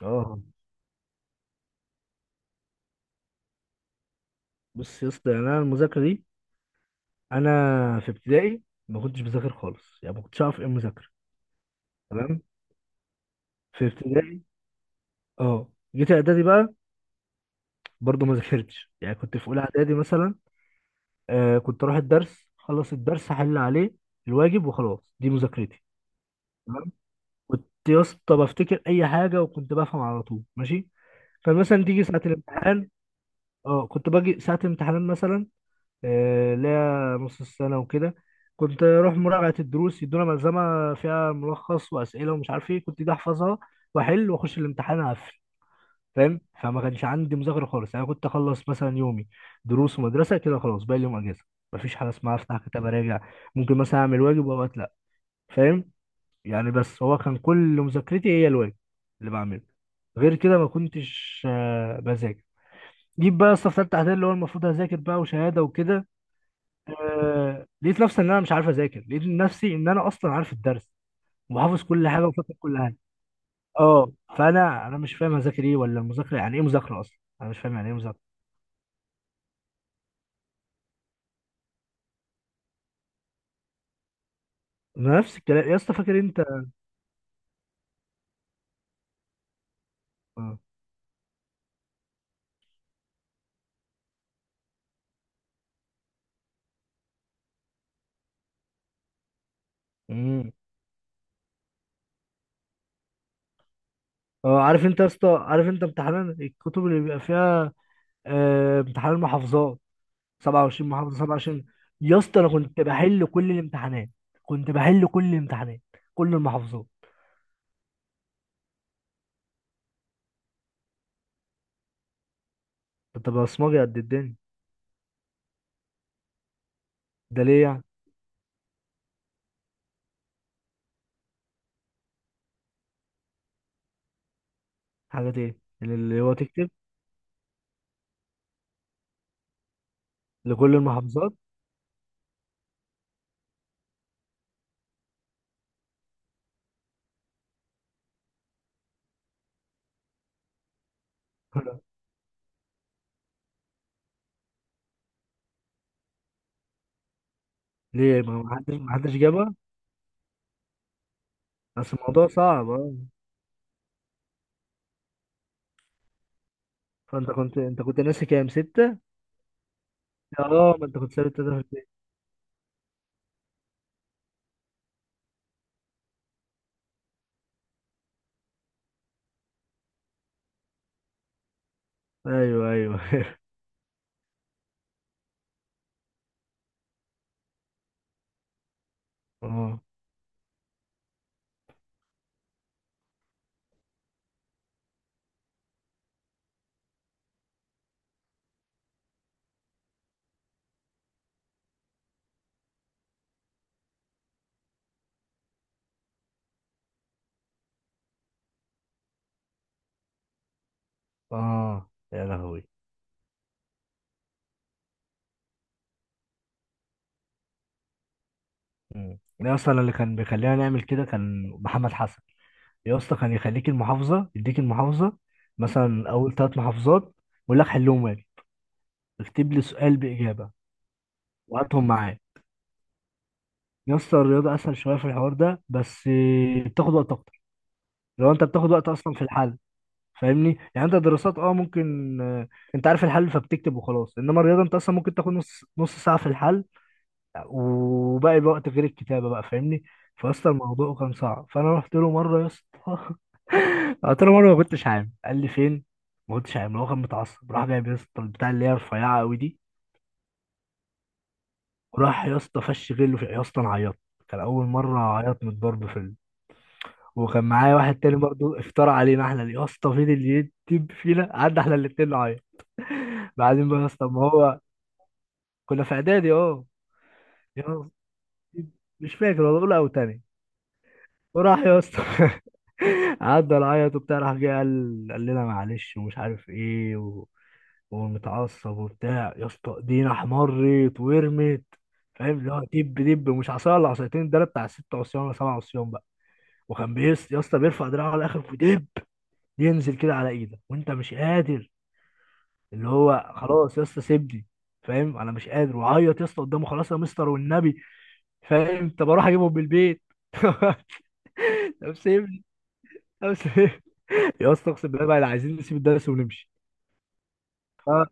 اه بص يا اسطى يعني انا المذاكره دي انا في ابتدائي ما كنتش بذاكر خالص، يعني ما كنتش اعرف ايه المذاكره. تمام، في ابتدائي اه. جيت اعدادي بقى، برضه ما ذاكرتش، يعني كنت في اولى اعدادي مثلا. آه، كنت اروح الدرس، خلص الدرس احل عليه الواجب وخلاص، دي مذاكرتي. تمام. كنت يا اسطى بفتكر اي حاجه وكنت بفهم على طول ماشي. فمثلا تيجي ساعه الامتحان، اه كنت باجي ساعه الامتحان مثلا، لا نص السنة وكده، كنت أروح مراجعة الدروس، يدونا ملزمة فيها ملخص وأسئلة ومش عارف إيه، كنت دي أحفظها وأحل وأخش الامتحان أقفل. فاهم؟ فما كانش عندي مذاكرة خالص. أنا كنت أخلص مثلا يومي دروس ومدرسة كده خلاص، باقي اليوم أجازة. مفيش حاجة اسمها أفتح كتاب أراجع. ممكن مثلا أعمل واجب وأوقات لأ. فاهم؟ يعني بس هو كان كل مذاكرتي هي الواجب اللي بعمله، غير كده ما كنتش بذاكر. جيب بقى يا اسطى في تالتة إعدادي اللي هو المفروض هذاكر بقى وشهادة وكده، لقيت نفسي ان انا مش عارف اذاكر. لقيت نفسي ان انا اصلا عارف الدرس وحافظ كل حاجه وفاكر كل حاجه. اه. فانا مش فاهم اذاكر ايه ولا المذاكره يعني ايه. مذاكره اصلا انا مش فاهم يعني ايه مذاكره. أنا نفس الكلام يا اسطى، فاكر انت؟ اه. مم. آه، عارف انت يا اسطى؟ عارف انت امتحان الكتب اللي بيبقى فيها، آه، امتحان المحافظات؟ 27 محافظه، 27. يا اسطى انا كنت بحل كل الامتحانات، كنت بحل كل الامتحانات، كل المحافظات. كنت بصمجي قد الدنيا. ده ليه يعني؟ حاجه ايه اللي هو تكتب لكل المحافظات؟ ليه ما حدش جابها؟ بس الموضوع صعب، اه. فانت كنت ناسي كام؟ ستة؟ اه، ما انت كنت سابت تلاتة في البيت. ايوه ايوه. اه اه، يا لهوي. مم. انا اصلا اللي كان بيخلينا نعمل كده كان محمد حسن. يا اسطى كان يخليك المحافظة، يديك المحافظة مثلا اول ثلاث محافظات، ويقول لك حلهم واجب، اكتب لي سؤال بإجابة وهاتهم معايا. يا اسطى الرياضة اسهل شوية في الحوار ده بس، بتاخد وقت اكتر. لو انت بتاخد وقت اصلا في الحل. فاهمني؟ يعني انت دراسات اه ممكن، انت عارف الحل فبتكتب وخلاص. انما الرياضه انت اصلا ممكن تاخد نص ساعه في الحل، وباقي الوقت غير الكتابه بقى. فاهمني؟ فاصلا الموضوع كان صعب. فانا رحت له مره يا اسطى، قلت له مره ما كنتش عام، قال لي فين؟ ما كنتش عام. هو كان متعصب، راح جايب يا اسطى البتاع اللي هي رفيعه قوي دي، وراح يا اسطى فش غله في. يا اسطى انا عيطت، كان اول مره اعيط من الضرب في ال... وكان معايا واحد تاني برضه، افترى علينا احنا يا اسطى، فين اللي يكتب فينا، قعدنا احنا الاتنين نعيط. بعدين بقى يا اسطى ما هو، كنا في اعدادي اه. يا اسطى، مش فاكر والله اولى او تاني. وراح يا اسطى، عدى العيط وبتاع، راح جه قال لنا معلش ومش عارف ايه و... ومتعصب وبتاع. يا اسطى ايدينا احمرت ورمت. فاهم؟ اللي هو دب، دب، مش عصايه ولا عصايتين، ده أنا بتاع ست عصيان ولا سبع عصيان بقى. وكان بيس يا اسطى بيرفع دراعه على الاخر ودب ينزل كده على ايدك وانت مش قادر. اللي هو خلاص يا اسطى سيبني. فاهم؟ انا مش قادر وعيط يا اسطى قدامه. خلاص يا مستر والنبي، فاهم؟ طب اروح اجيبهم من البيت. طب سيبني، طب سيبني. يا اسطى اقسم بالله بقى عايزين نسيب الدرس ونمشي.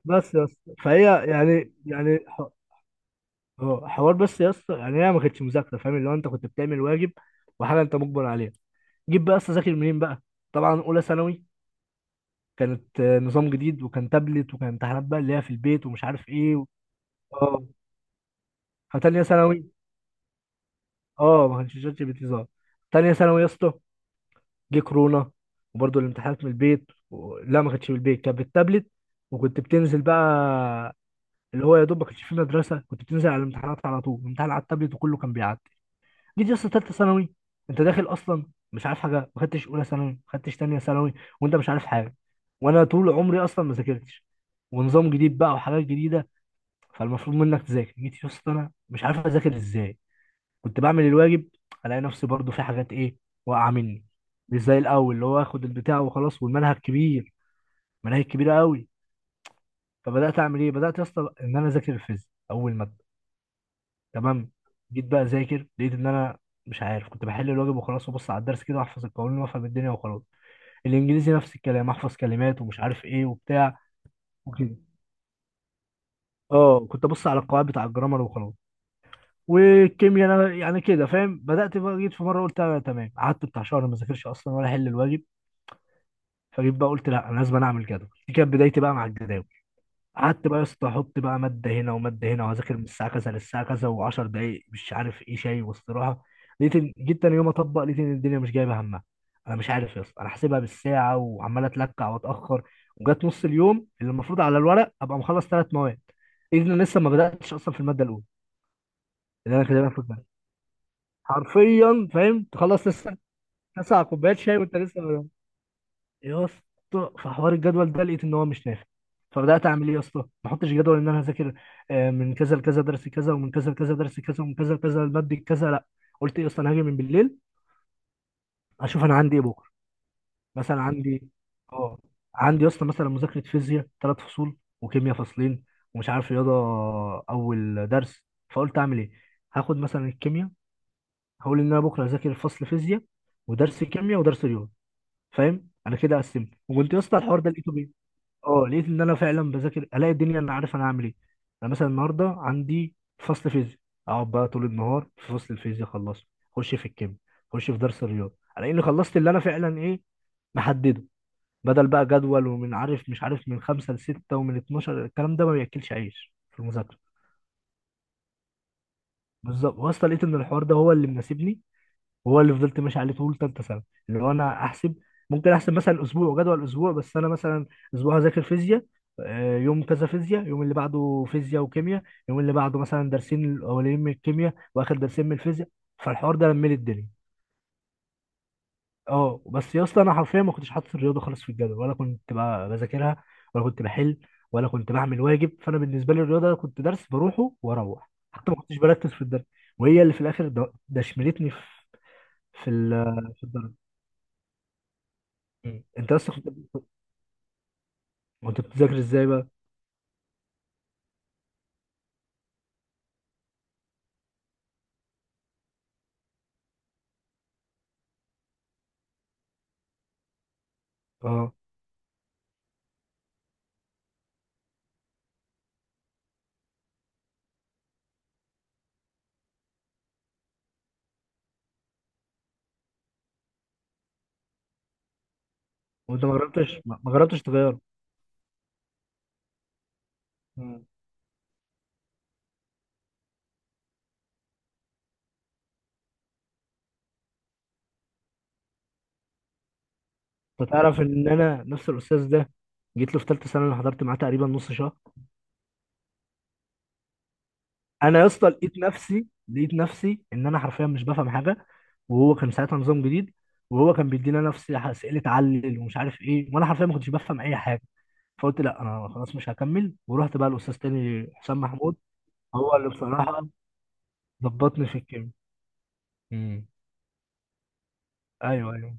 بس يا اسطى فهي يعني يعني ح- اه حوار. بس يا اسطى يعني هي ما كانتش مذاكره، فاهم؟ اللي هو انت كنت بتعمل واجب وحاجه انت مجبر عليها. جيب بقى يا اسطى، ذاكر منين بقى؟ طبعا اولى ثانوي كانت، آه، نظام جديد وكان تابلت وكان امتحانات بقى اللي هي في البيت ومش عارف ايه و... اه. فتانية ثانوي، اه، ما كانش شات جي بي تي ظهر. تانية ثانوي يا اسطى جه كورونا، وبرضه الامتحانات من البيت و... لا ما كانتش من البيت، كانت بالتابلت. وكنت بتنزل بقى، اللي هو يا دوب ما كانش في مدرسه، كنت بتنزل على الامتحانات على طول، الامتحان على التابلت وكله كان بيعدي. جيت يا اسطى ثالثه ثانوي، انت داخل اصلا مش عارف حاجه، ما خدتش اولى ثانوي، ما خدتش ثانيه ثانوي، وانت مش عارف حاجه، وانا طول عمري اصلا ما ذاكرتش، ونظام جديد بقى وحاجات جديده، فالمفروض منك تذاكر. جيت يا اسطى انا مش عارف اذاكر ازاي. كنت بعمل الواجب، الاقي نفسي برضو في حاجات ايه، واقعه مني، مش زي الاول اللي هو اخد البتاع وخلاص، والمنهج كبير، مناهج كبيره قوي. فبدات اعمل ايه؟ بدات يا اسطى ان انا اذاكر الفيزياء اول ماده. تمام. جيت بقى اذاكر، لقيت ان انا مش عارف. كنت بحل الواجب وخلاص وبص على الدرس كده واحفظ القوانين وافهم الدنيا وخلاص. الانجليزي نفس الكلام، احفظ كلمات ومش عارف ايه وبتاع وكده. اه كنت ابص على القواعد بتاع الجرامر وخلاص. والكيمياء انا يعني كده فاهم. بدات بقى، جيت في مره قلت انا تمام، قعدت بتاع شهر ما ذاكرش اصلا ولا احل الواجب. فجيت بقى قلت لا، انا لازم اعمل جدول. دي كانت بدايتي بقى مع الجداول. قعدت بقى يا اسطى احط بقى ماده هنا وماده هنا وهذاكر من الساعه كذا للساعه كذا و10 دقائق مش عارف ايه، شاي واستراحه. جيت تاني يوم اطبق، لقيت ان الدنيا مش جايبه همها. انا مش عارف يا اسطى، انا حاسبها بالساعه وعمال اتلكع واتاخر، وجات نص اليوم اللي المفروض على الورق ابقى مخلص ثلاث مواد، اذن لسه ما بداتش اصلا في الماده الاولى اللي انا كده المفروض حرفيا، فاهم؟ تخلص لسه تسع كوبايات شاي وانت لسه. يا اسطى في حوار الجدول ده لقيت ان هو مش نافع. فبدات اعمل ايه يا اسطى؟ ما احطش جدول ان انا هذاكر، من كذا لكذا درس كذا، ومن كذا لكذا درس كذا، ومن كذا لكذا الماده كذا. لا، قلت ايه يا اسطى؟ انا هاجي من بالليل اشوف انا عندي ايه بكره. مثلا عندي، اه عندي يا اسطى مثلا مذاكره فيزياء ثلاث فصول، وكيمياء فصلين، ومش عارف رياضه اول درس. فقلت اعمل ايه؟ هاخد مثلا الكيمياء، هقول ان انا بكره هذاكر فصل فيزياء ودرس كيمياء ودرس رياضه. فاهم؟ انا كده قسمت، وكنت يا اسطى الحوار ده لقيته بيه. اه لقيت ان انا فعلا بذاكر، الاقي الدنيا انا عارف انا هعمل ايه. انا مثلا النهارده عندي فصل فيزياء، اقعد بقى طول النهار في فصل الفيزياء اخلصه، اخش في الكيمياء، اخش في درس الرياضه، الاقي اني خلصت اللي انا فعلا ايه، محدده. بدل بقى جدول ومن عارف مش عارف من خمسة لستة ومن 12، الكلام ده ما بياكلش عيش في المذاكره. بالظبط، واصلا لقيت ان الحوار ده هو اللي مناسبني، وهو اللي فضلت ماشي عليه طول ثالثه سنه. اللي هو انا احسب، ممكن احسب مثلا اسبوع جدول اسبوع، بس انا مثلا اسبوع هذاكر فيزياء، آه، يوم كذا فيزياء، يوم اللي بعده فيزياء وكيمياء، يوم اللي بعده مثلا درسين الاولين من الكيمياء واخر درسين من الفيزياء. فالحوار ده لملي الدنيا. اه بس يا اسطى انا حرفيا ما كنتش حاطط الرياضه خالص في الجدول، ولا كنت بقى بذاكرها، ولا كنت بحل، ولا كنت بعمل واجب. فانا بالنسبه لي الرياضه كنت درس بروحه، واروح حتى ما كنتش بركز في الدرس، وهي اللي في الاخر دشملتني في في الدرجه. مم. انت اصلا كنت، كنت بتذاكر ازاي بقى؟ اه. وانت ما جربتش، ما جربتش تغيره؟ مم. انت تعرف ان انا نفس الاستاذ ده جيت له في ثالثه سنه، انا حضرت معاه تقريبا نص شهر. انا يا اسطى لقيت نفسي، ان انا حرفيا مش بفهم حاجه. وهو كان ساعتها نظام جديد، وهو كان بيدينا نفس اسئله علل ومش عارف ايه، وانا حرفيا ما كنتش بفهم اي حاجه. فقلت لا، انا خلاص مش هكمل. ورحت بقى الاستاذ تاني حسام محمود، هو اللي بصراحه ظبطني في الكيمياء. مم. ايوه ايوه،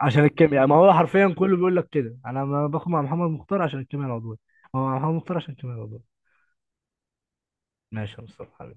عشان الكيمياء ما هو حرفيا كله بيقول لك كده، انا ما باخد مع محمد مختار عشان الكيمياء العضويه، هو مع محمد مختار عشان الكيمياء العضويه. ماشي يا مصطفى.